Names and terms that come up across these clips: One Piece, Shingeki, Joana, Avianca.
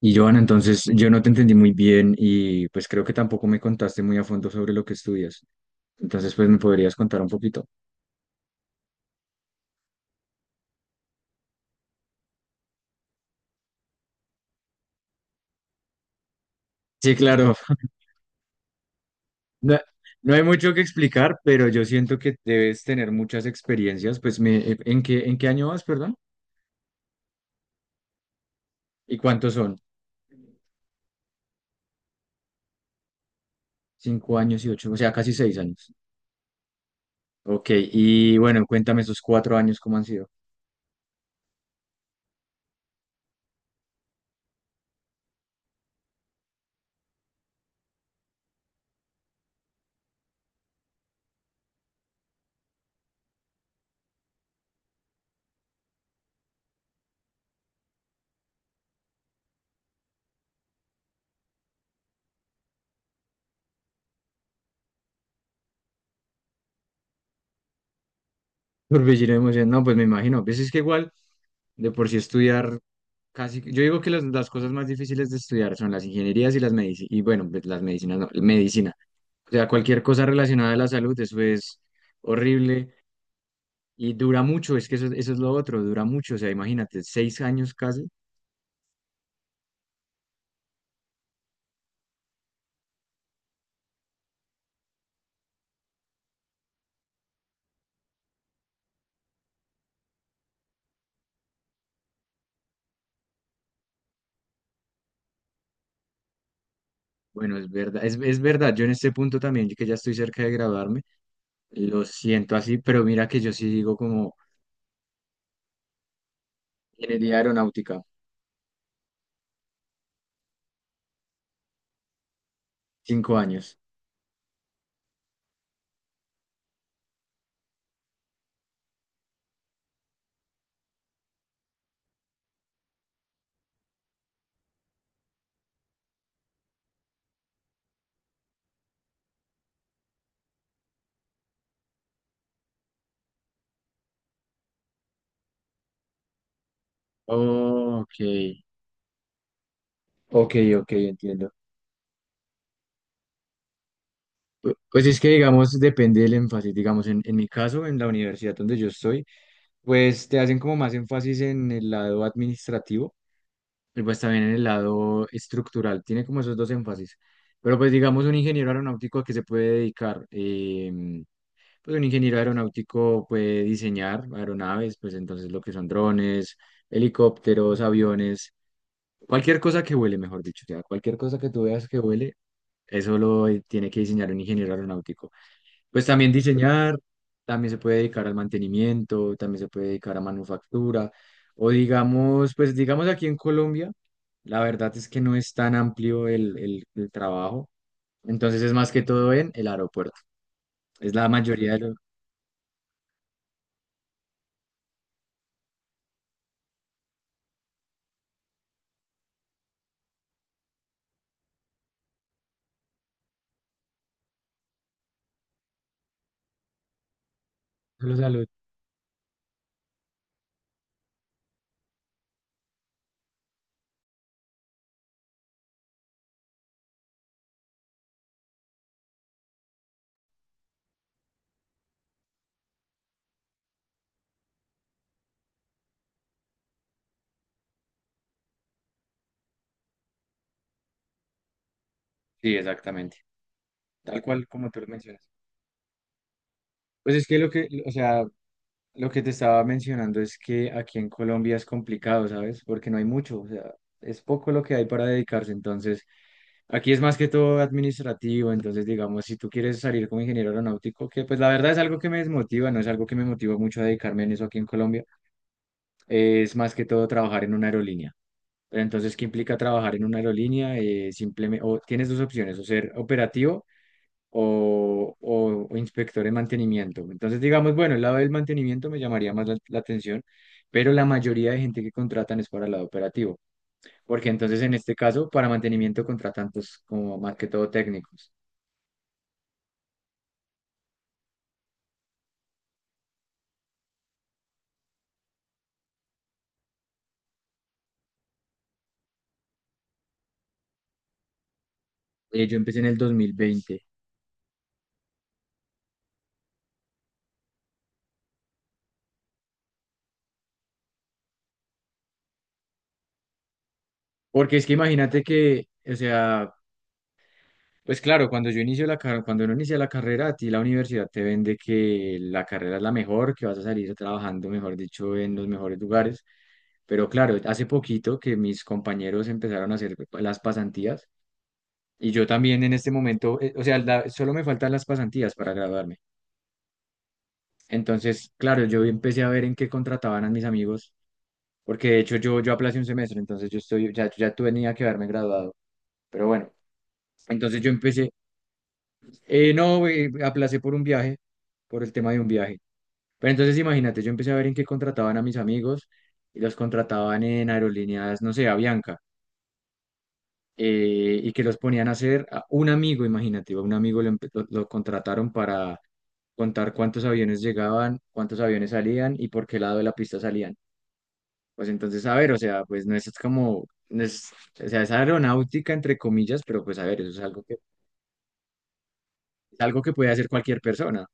Y Joana, entonces yo no te entendí muy bien y pues creo que tampoco me contaste muy a fondo sobre lo que estudias. Entonces pues me podrías contar un poquito. Sí, claro, no, no hay mucho que explicar, pero yo siento que debes tener muchas experiencias. Pues en qué año vas, perdón? ¿Y cuántos son? Cinco años y ocho, o sea, casi seis años. Ok, y bueno, cuéntame esos cuatro años, ¿cómo han sido? Torbellino de emoción. No, pues me imagino. Pues es que igual, de por sí estudiar. Casi, yo digo que las cosas más difíciles de estudiar son las ingenierías y las medicinas, y bueno, pues, las medicinas no, medicina. O sea, cualquier cosa relacionada a la salud, eso es horrible y dura mucho, es que eso es lo otro, dura mucho, o sea, imagínate, 6 años casi. Bueno, es verdad, es verdad, yo en este punto también, que ya estoy cerca de graduarme, lo siento así, pero mira que yo sí digo como ingeniería aeronáutica, 5 años. Ok, ok, ok, entiendo. Pues es que, digamos, depende del énfasis. Digamos, en mi caso, en la universidad donde yo estoy, pues te hacen como más énfasis en el lado administrativo y pues también en el lado estructural. Tiene como esos dos énfasis. Pero pues digamos, un ingeniero aeronáutico a qué se puede dedicar. Pues un ingeniero aeronáutico puede diseñar aeronaves, pues entonces lo que son drones, helicópteros, aviones, cualquier cosa que vuele, mejor dicho. O sea, cualquier cosa que tú veas que vuele, eso lo tiene que diseñar un ingeniero aeronáutico. Pues también diseñar, también se puede dedicar al mantenimiento, también se puede dedicar a manufactura, o digamos, pues digamos aquí en Colombia, la verdad es que no es tan amplio el, el trabajo, entonces es más que todo en el aeropuerto, es la mayoría de los alumnos. Sí, exactamente, tal cual como tú lo mencionas. Pues es que o sea, lo que te estaba mencionando es que aquí en Colombia es complicado, ¿sabes? Porque no hay mucho, o sea, es poco lo que hay para dedicarse. Entonces, aquí es más que todo administrativo. Entonces, digamos, si tú quieres salir como ingeniero aeronáutico, que pues la verdad es algo que me desmotiva, no es algo que me motiva mucho a dedicarme en eso aquí en Colombia, es más que todo trabajar en una aerolínea. Pero entonces, ¿qué implica trabajar en una aerolínea? Simplemente, o tienes dos opciones, o ser operativo o inspector de mantenimiento. Entonces, digamos, bueno, el lado del mantenimiento me llamaría más la atención, pero la mayoría de gente que contratan es para el lado operativo, porque entonces en este caso, para mantenimiento contratan pues, como más que todo técnicos. Yo empecé en el 2020, porque es que imagínate que, o sea, pues claro, cuando yo inicio la carrera, cuando uno inicia la carrera, a ti la universidad te vende que la carrera es la mejor, que vas a salir trabajando, mejor dicho, en los mejores lugares. Pero claro, hace poquito que mis compañeros empezaron a hacer las pasantías y yo también en este momento, o sea, la- solo me faltan las pasantías para graduarme. Entonces, claro, yo empecé a ver en qué contrataban a mis amigos, porque de hecho yo aplacé un semestre, entonces yo estoy, ya tenía que haberme graduado. Pero bueno, entonces yo empecé, no, aplacé por un viaje, por el tema de un viaje. Pero entonces imagínate, yo empecé a ver en qué contrataban a mis amigos y los contrataban en aerolíneas, no sé, Avianca. Y que los ponían a hacer a un amigo, imagínate, a un amigo lo contrataron para contar cuántos aviones llegaban, cuántos aviones salían y por qué lado de la pista salían. Pues entonces, a ver, o sea, pues no es como, no es, o sea, es aeronáutica entre comillas, pero pues a ver, eso es algo que puede hacer cualquier persona.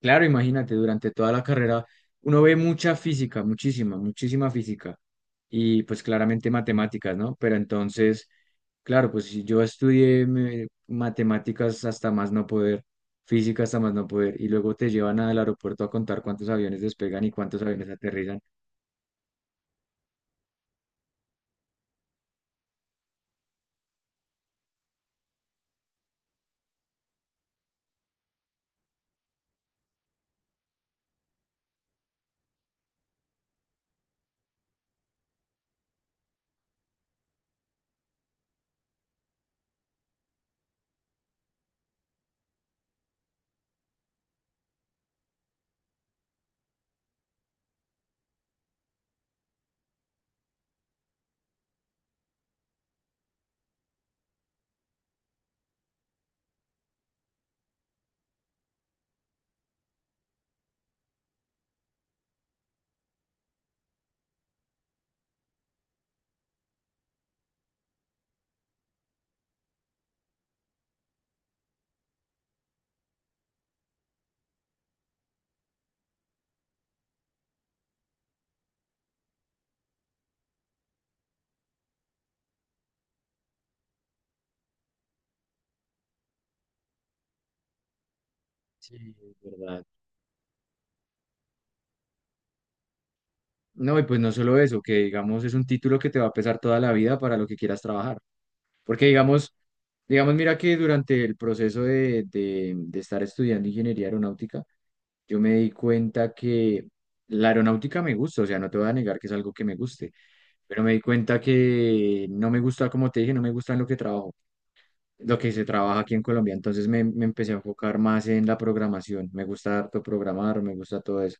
Claro, imagínate, durante toda la carrera uno ve mucha física, muchísima, muchísima física y pues claramente matemáticas, ¿no? Pero entonces, claro, pues si yo estudié me- matemáticas hasta más no poder, física hasta más no poder y luego te llevan al aeropuerto a contar cuántos aviones despegan y cuántos aviones aterrizan. Sí, es verdad. No, y pues no solo eso, que digamos es un título que te va a pesar toda la vida para lo que quieras trabajar. Porque digamos, mira que durante el proceso de de estar estudiando ingeniería aeronáutica, yo me di cuenta que la aeronáutica me gusta, o sea, no te voy a negar que es algo que me guste, pero me di cuenta que no me gusta, como te dije, no me gusta en lo que trabajo, lo que se trabaja aquí en Colombia. Entonces me empecé a enfocar más en la programación. Me gusta harto programar, me gusta todo eso.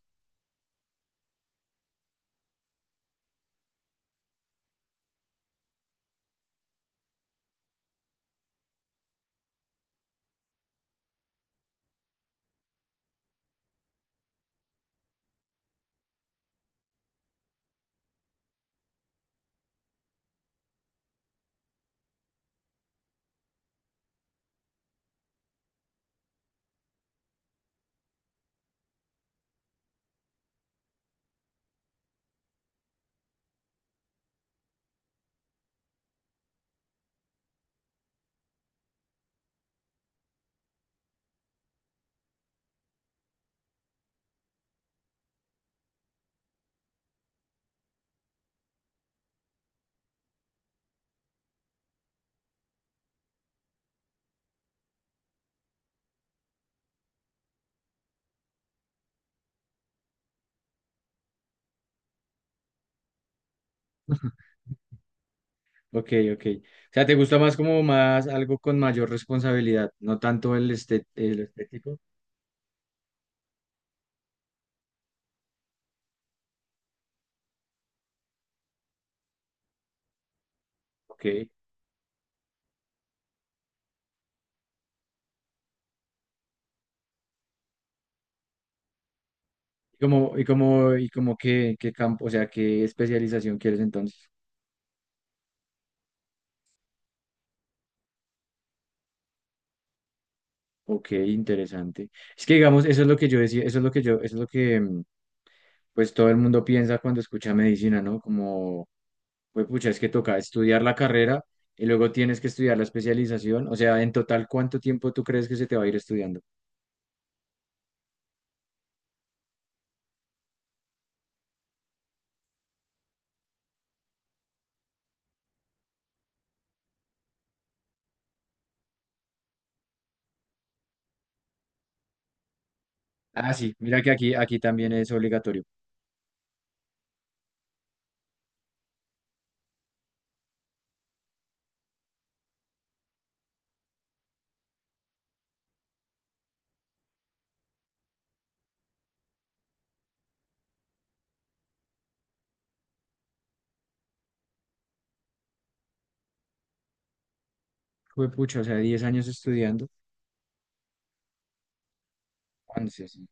Ok, ok. O sea, ¿te gusta más como más algo con mayor responsabilidad, no tanto el, este, el estético? Ok. Y como, y como, y como qué, qué campo, o sea, qué especialización quieres entonces. Ok, interesante. Es que digamos, eso es lo que yo decía, eso es lo que yo, eso es lo que pues todo el mundo piensa cuando escucha medicina, ¿no? Como, pues pucha, es que toca estudiar la carrera y luego tienes que estudiar la especialización. O sea, en total, ¿cuánto tiempo tú crees que se te va a ir estudiando? Ah, sí, mira que aquí también es obligatorio. Pues pucha, o sea, 10 años estudiando, 11, sí.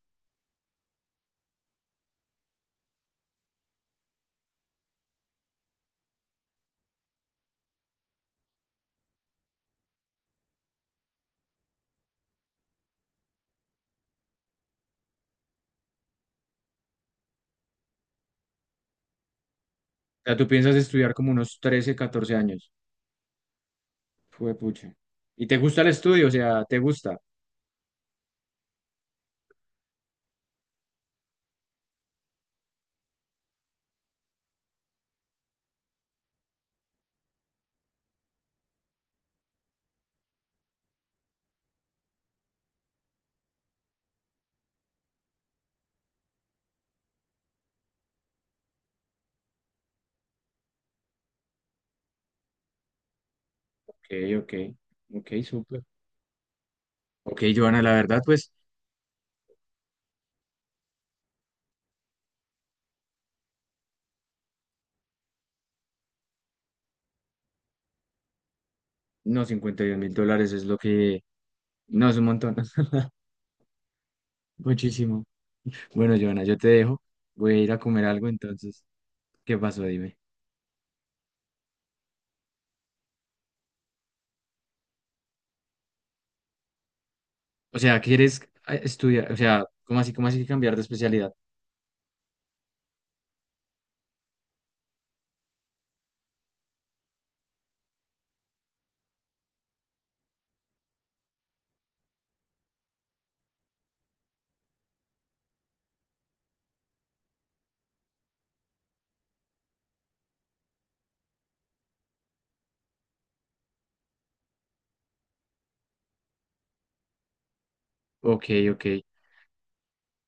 O sea, tú piensas estudiar como unos 13, 14 años. Fue pucha. ¿Y te gusta el estudio? O sea, ¿te gusta? Ok, ok, ok, súper. Ok, Joana, la verdad, pues, no, $52,000 es lo que... No, es un montón. Muchísimo. Bueno, Joana, yo te dejo. Voy a ir a comer algo, entonces, ¿qué pasó? Dime. O sea, ¿quieres estudiar? O sea, cómo así que cambiar de especialidad? Ok, ok.